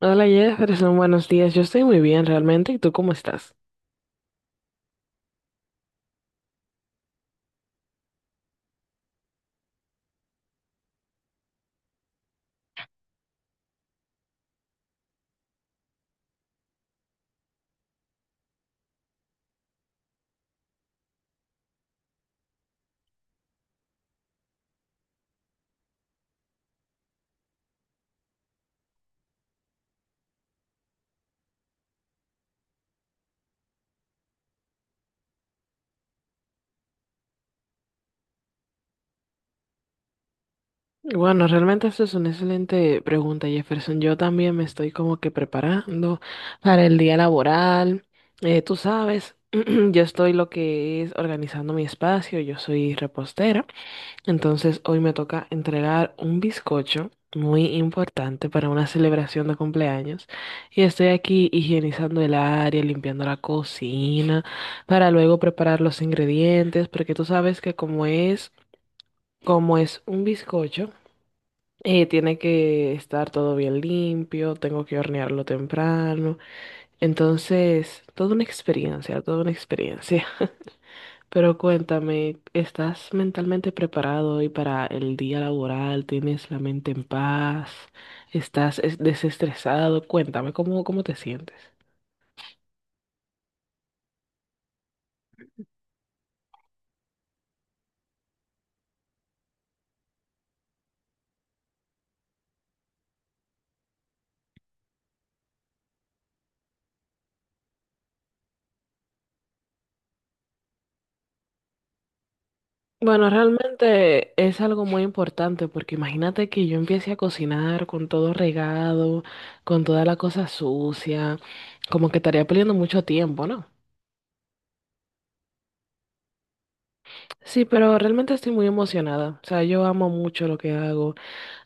Hola Jefferson, buenos días. Yo estoy muy bien realmente. ¿Y tú cómo estás? Bueno, realmente eso es una excelente pregunta, Jefferson. Yo también me estoy como que preparando para el día laboral. Tú sabes, yo estoy lo que es organizando mi espacio. Yo soy repostera. Entonces hoy me toca entregar un bizcocho muy importante para una celebración de cumpleaños y estoy aquí higienizando el área, limpiando la cocina para luego preparar los ingredientes porque tú sabes que como es un bizcocho, tiene que estar todo bien limpio, tengo que hornearlo temprano, entonces toda una experiencia, toda una experiencia. Pero cuéntame, ¿estás mentalmente preparado hoy para el día laboral? ¿Tienes la mente en paz? ¿Estás desestresado? Cuéntame, cómo te sientes? Bueno, realmente es algo muy importante porque imagínate que yo empiece a cocinar con todo regado, con toda la cosa sucia, como que estaría perdiendo mucho tiempo, ¿no? Sí, pero realmente estoy muy emocionada. O sea, yo amo mucho lo que hago.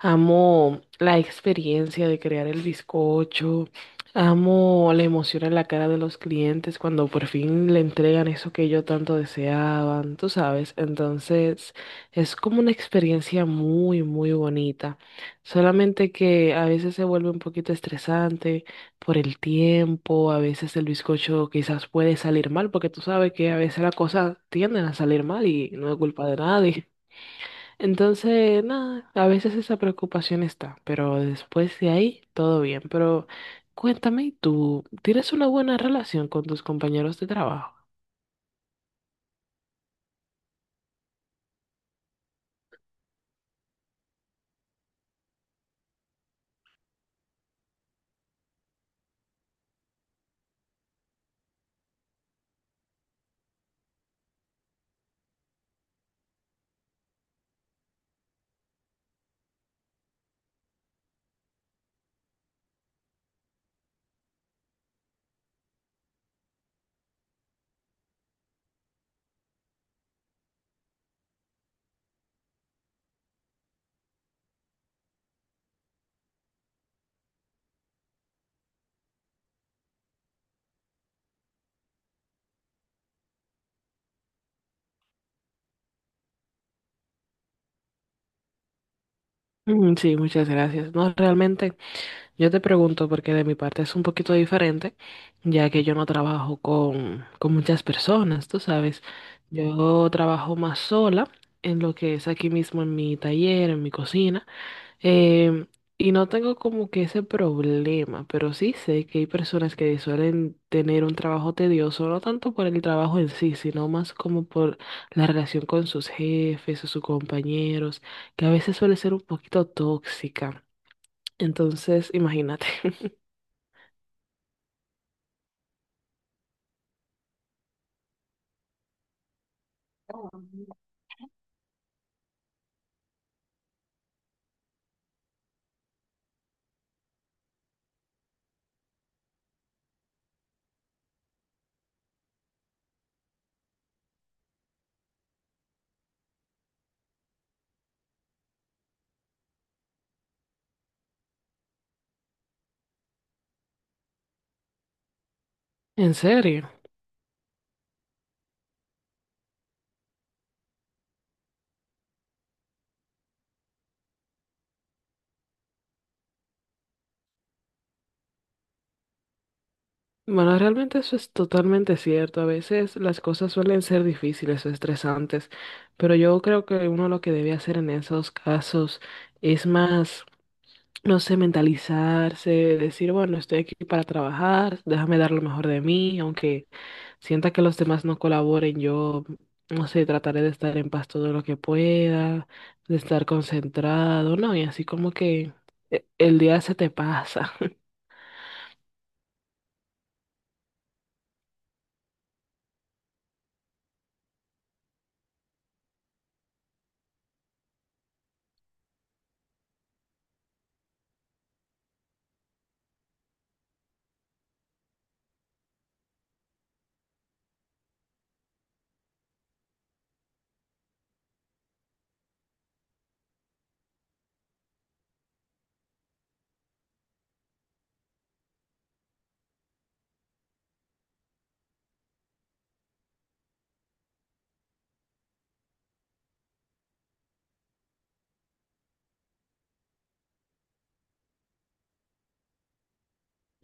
Amo la experiencia de crear el bizcocho. Amo la emoción en la cara de los clientes cuando por fin le entregan eso que ellos tanto deseaban, tú sabes. Entonces, es como una experiencia muy, muy bonita. Solamente que a veces se vuelve un poquito estresante por el tiempo, a veces el bizcocho quizás puede salir mal, porque tú sabes que a veces las cosas tienden a salir mal y no es culpa de nadie. Entonces, nada, a veces esa preocupación está, pero después de ahí todo bien. Pero cuéntame, ¿y tú tienes una buena relación con tus compañeros de trabajo? Mm, sí, muchas gracias. No, realmente. Yo te pregunto porque de mi parte es un poquito diferente, ya que yo no trabajo con muchas personas, tú sabes. Yo trabajo más sola en lo que es aquí mismo en mi taller, en mi cocina, em, y no tengo como que ese problema, pero sí sé que hay personas que suelen tener un trabajo tedioso, no tanto por el trabajo en sí, sino más como por la relación con sus jefes o sus compañeros, que a veces suele ser un poquito tóxica. Entonces, imagínate. ¿En serio? Bueno, realmente eso es totalmente cierto. A veces las cosas suelen ser difíciles o estresantes, pero yo creo que uno lo que debe hacer en esos casos es más, no sé, mentalizarse, decir, bueno, estoy aquí para trabajar, déjame dar lo mejor de mí, aunque sienta que los demás no colaboren, yo, no sé, trataré de estar en paz todo lo que pueda, de estar concentrado, ¿no? Y así como que el día se te pasa.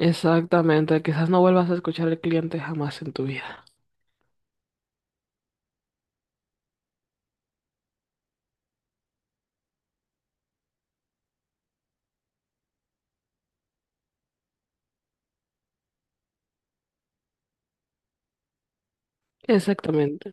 Exactamente, quizás no vuelvas a escuchar al cliente jamás en tu vida. Exactamente.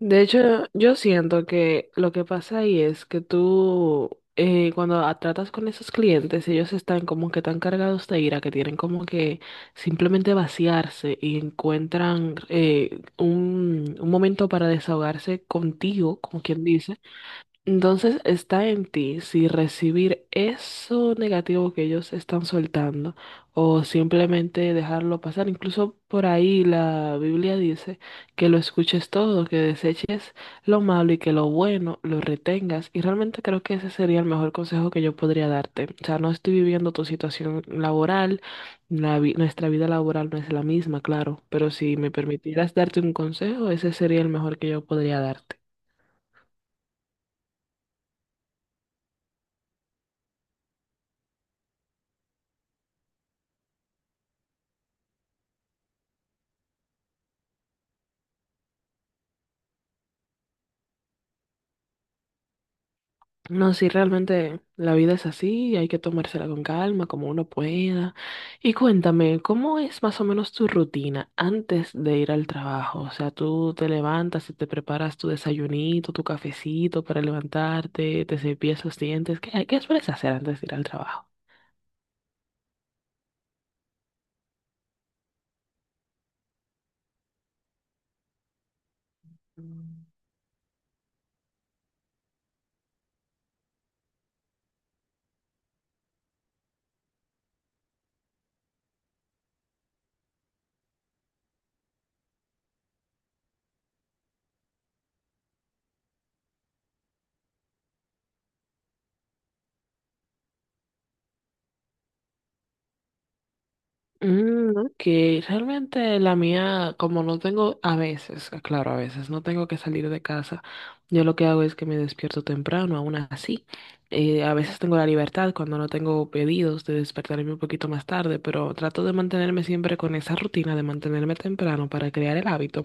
De hecho, yo siento que lo que pasa ahí es que tú, cuando tratas con esos clientes, ellos están como que tan cargados de ira que tienen como que simplemente vaciarse y encuentran un momento para desahogarse contigo, como quien dice. Entonces está en ti si recibir eso negativo que ellos están soltando o simplemente dejarlo pasar. Incluso por ahí la Biblia dice que lo escuches todo, que deseches lo malo y que lo bueno lo retengas. Y realmente creo que ese sería el mejor consejo que yo podría darte. O sea, no estoy viviendo tu situación laboral, nuestra vida laboral no es la misma, claro, pero si me permitieras darte un consejo, ese sería el mejor que yo podría darte. No, sí, realmente la vida es así y hay que tomársela con calma, como uno pueda. Y cuéntame, ¿cómo es más o menos tu rutina antes de ir al trabajo? O sea, tú te levantas y te preparas tu desayunito, tu cafecito para levantarte, te cepillas los dientes. Qué sueles hacer antes de ir al trabajo? Mm, ok, realmente la mía, como no tengo, a veces, claro, a veces no tengo que salir de casa, yo lo que hago es que me despierto temprano, aún así. A veces tengo la libertad cuando no tengo pedidos de despertarme un poquito más tarde, pero trato de mantenerme siempre con esa rutina de mantenerme temprano para crear el hábito.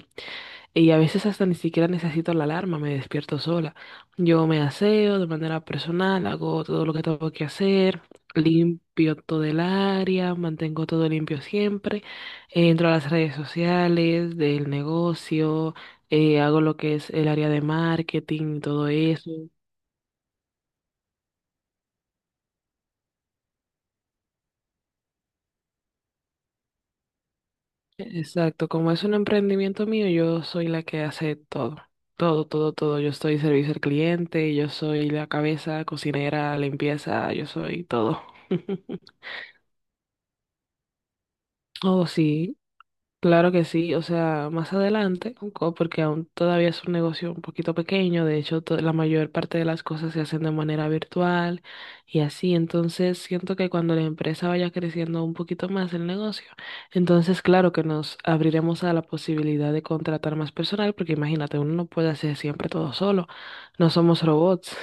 Y a veces hasta ni siquiera necesito la alarma, me despierto sola. Yo me aseo de manera personal, hago todo lo que tengo que hacer, limpio todo el área, mantengo todo limpio siempre, entro a las redes sociales del negocio, hago lo que es el área de marketing, y todo eso. Exacto, como es un emprendimiento mío, yo soy la que hace todo, todo. Yo soy servicio al cliente, yo soy la cabeza, cocinera, limpieza, yo soy todo. Oh, sí, claro que sí, o sea, más adelante, porque aún todavía es un negocio un poquito pequeño, de hecho, la mayor parte de las cosas se hacen de manera virtual y así, entonces siento que cuando la empresa vaya creciendo un poquito más el negocio, entonces claro que nos abriremos a la posibilidad de contratar más personal, porque imagínate, uno no puede hacer siempre todo solo, no somos robots.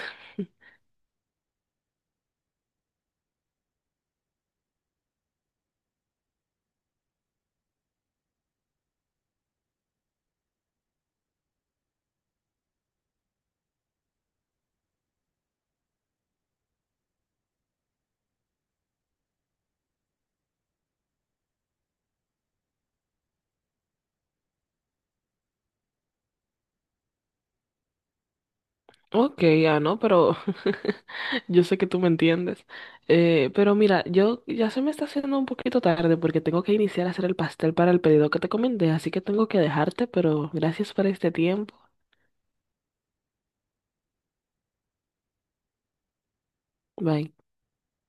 Ok, ah, no, pero yo sé que tú me entiendes, pero mira, yo ya se me está haciendo un poquito tarde porque tengo que iniciar a hacer el pastel para el pedido que te comenté, así que tengo que dejarte, pero gracias por este tiempo. Bye.